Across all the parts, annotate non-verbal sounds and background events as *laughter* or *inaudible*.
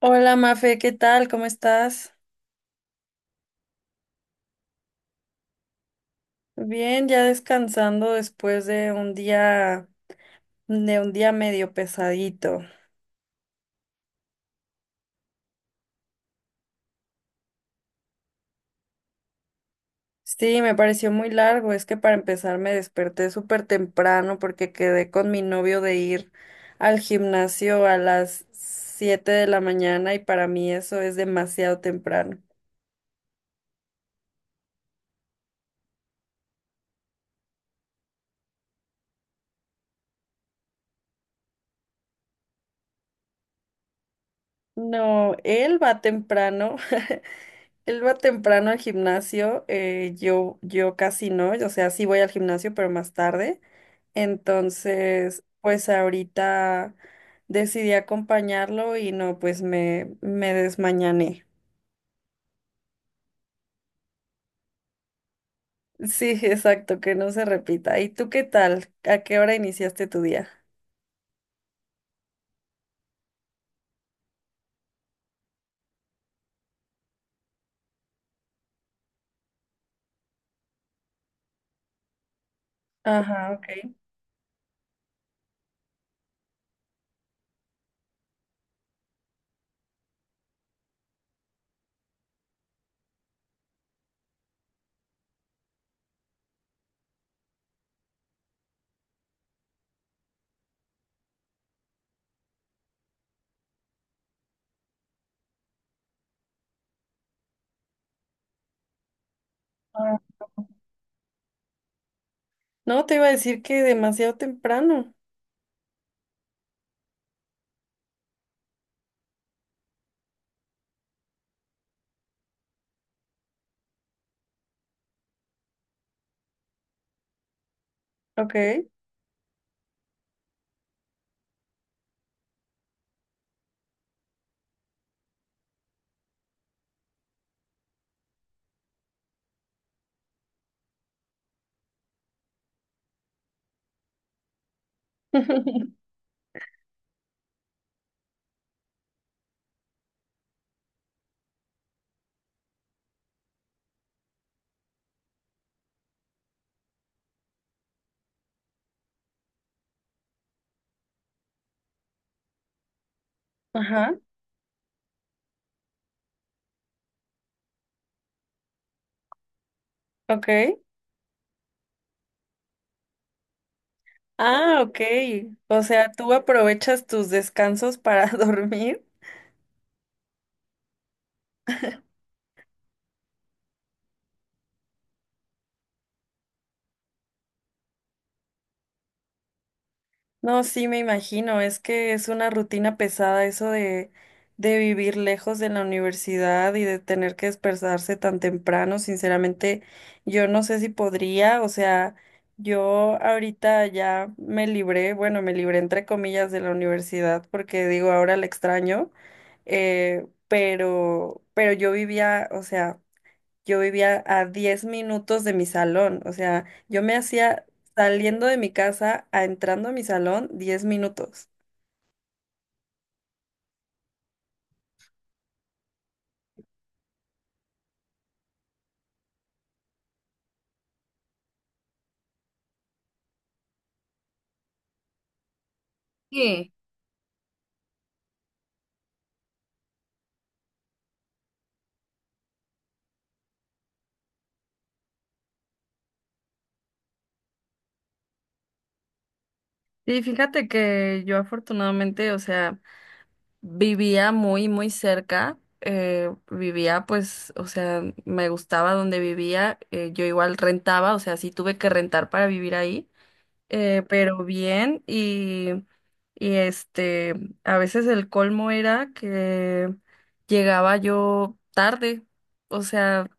Hola Mafe, ¿qué tal? ¿Cómo estás? Bien, ya descansando después de un día medio pesadito. Sí, me pareció muy largo, es que para empezar me desperté súper temprano porque quedé con mi novio de ir al gimnasio a las 7 de la mañana y para mí eso es demasiado temprano. No, él va temprano. *laughs* Él va temprano al gimnasio, yo casi no, o sea, sí voy al gimnasio, pero más tarde. Entonces, pues ahorita decidí acompañarlo y no, pues me desmañané. Sí, *laughs* exacto, que no se repita. ¿Y tú qué tal? ¿A qué hora iniciaste tu día? Ajá, ok. Ah. No, te iba a decir que demasiado temprano. Ok. *laughs* Ajá, ok. Ah, ok. O sea, tú aprovechas tus descansos para *laughs* dormir. No, sí, me imagino. Es que es una rutina pesada eso de vivir lejos de la universidad y de tener que despertarse tan temprano. Sinceramente, yo no sé si podría. O sea, yo ahorita ya me libré, bueno, me libré entre comillas de la universidad porque digo, ahora la extraño. Pero yo vivía, o sea yo vivía a 10 minutos de mi salón, o sea, yo me hacía saliendo de mi casa a entrando a mi salón 10 minutos. Sí, fíjate que yo afortunadamente, o sea, vivía muy, muy cerca, vivía pues, o sea, me gustaba donde vivía, yo igual rentaba, o sea, sí tuve que rentar para vivir ahí. Pero bien y a veces el colmo era que llegaba yo tarde, o sea,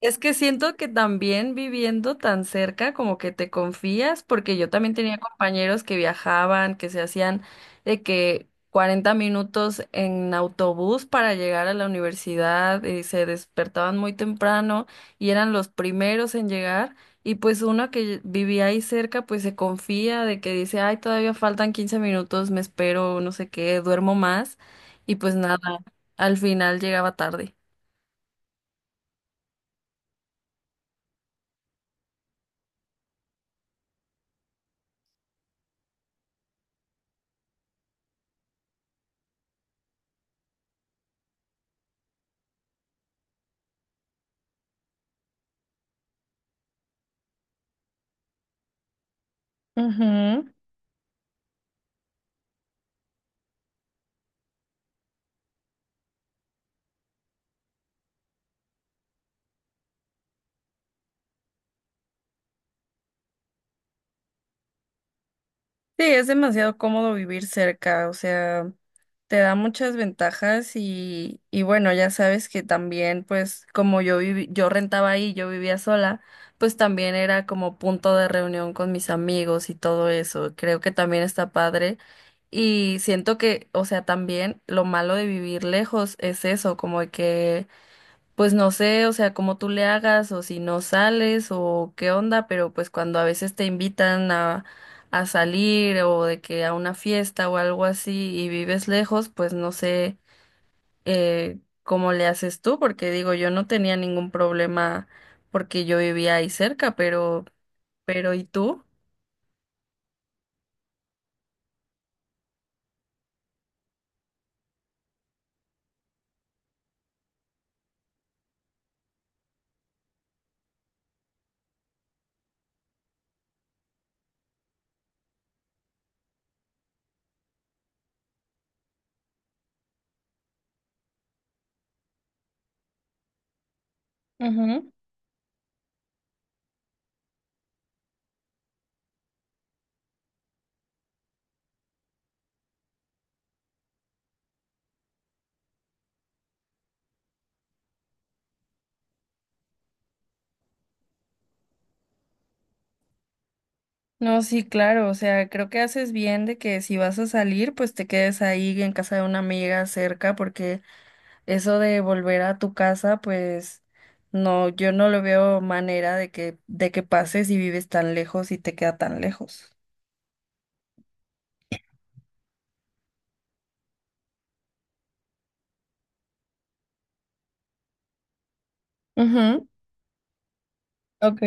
es que siento que también viviendo tan cerca como que te confías, porque yo también tenía compañeros que viajaban, que se hacían de que 40 minutos en autobús para llegar a la universidad y se despertaban muy temprano y eran los primeros en llegar y pues uno que vivía ahí cerca pues se confía de que dice, ay, todavía faltan 15 minutos, me espero, no sé qué, duermo más y pues nada, al final llegaba tarde. Ujú. Sí, es demasiado cómodo vivir cerca, o sea, te da muchas ventajas y bueno, ya sabes que también, pues, como yo viví, yo rentaba ahí, yo vivía sola, pues también era como punto de reunión con mis amigos y todo eso. Creo que también está padre. Y siento que, o sea, también lo malo de vivir lejos es eso, como de que pues no sé, o sea, cómo tú le hagas o si no sales o qué onda, pero pues cuando a veces te invitan a salir o de que a una fiesta o algo así y vives lejos, pues no sé cómo le haces tú, porque digo, yo no tenía ningún problema porque yo vivía ahí cerca, pero ¿y tú? Ujú. No, sí, claro, o sea, creo que haces bien de que si vas a salir, pues te quedes ahí en casa de una amiga cerca, porque eso de volver a tu casa, pues no, yo no lo veo manera de que pases y vives tan lejos y te queda tan lejos. Ujú. Ok.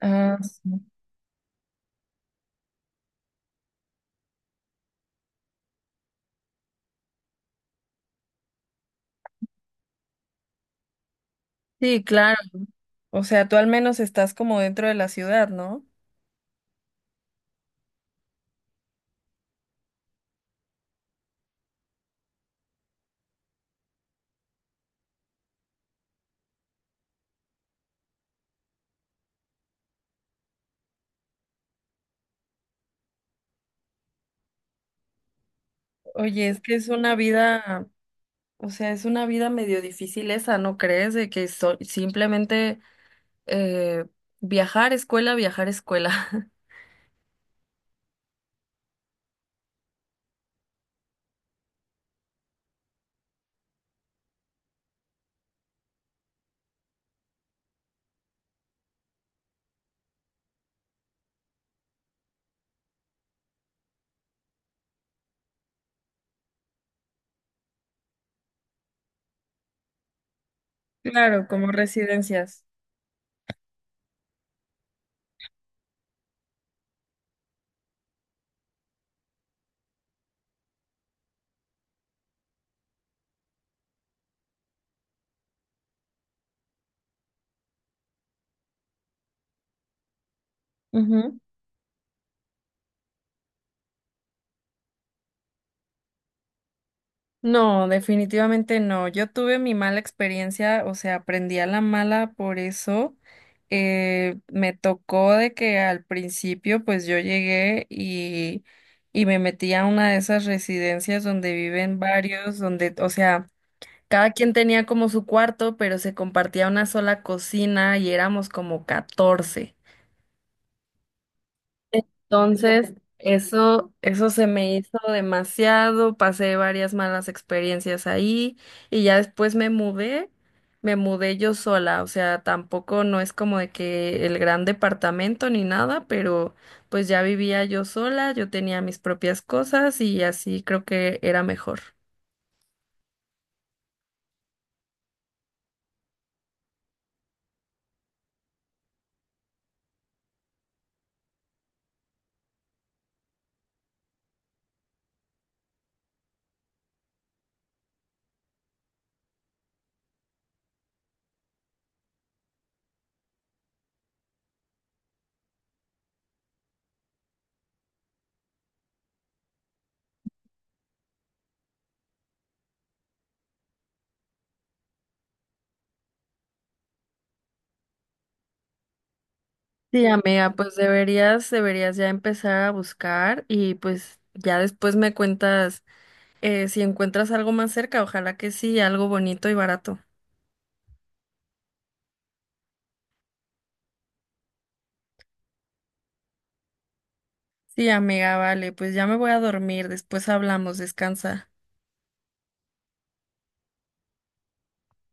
Ah, sí. Sí, claro. O sea, tú al menos estás como dentro de la ciudad, ¿no? Oye, es que es una vida, o sea, es una vida medio difícil esa, ¿no crees? De que simplemente eh, viajar, escuela, viajar, escuela. *laughs* Claro, como residencias. No, definitivamente no. Yo tuve mi mala experiencia, o sea, aprendí a la mala por eso. Me tocó de que al principio, pues yo llegué y me metí a una de esas residencias donde viven varios, donde, o sea, cada quien tenía como su cuarto, pero se compartía una sola cocina y éramos como 14. Entonces, eso se me hizo demasiado, pasé varias malas experiencias ahí y ya después me mudé yo sola, o sea, tampoco no es como de que el gran departamento ni nada, pero pues ya vivía yo sola, yo tenía mis propias cosas y así creo que era mejor. Sí, amiga, pues deberías, deberías ya empezar a buscar y pues ya después me cuentas si encuentras algo más cerca, ojalá que sí, algo bonito y barato. Sí, amiga, vale, pues ya me voy a dormir, después hablamos, descansa.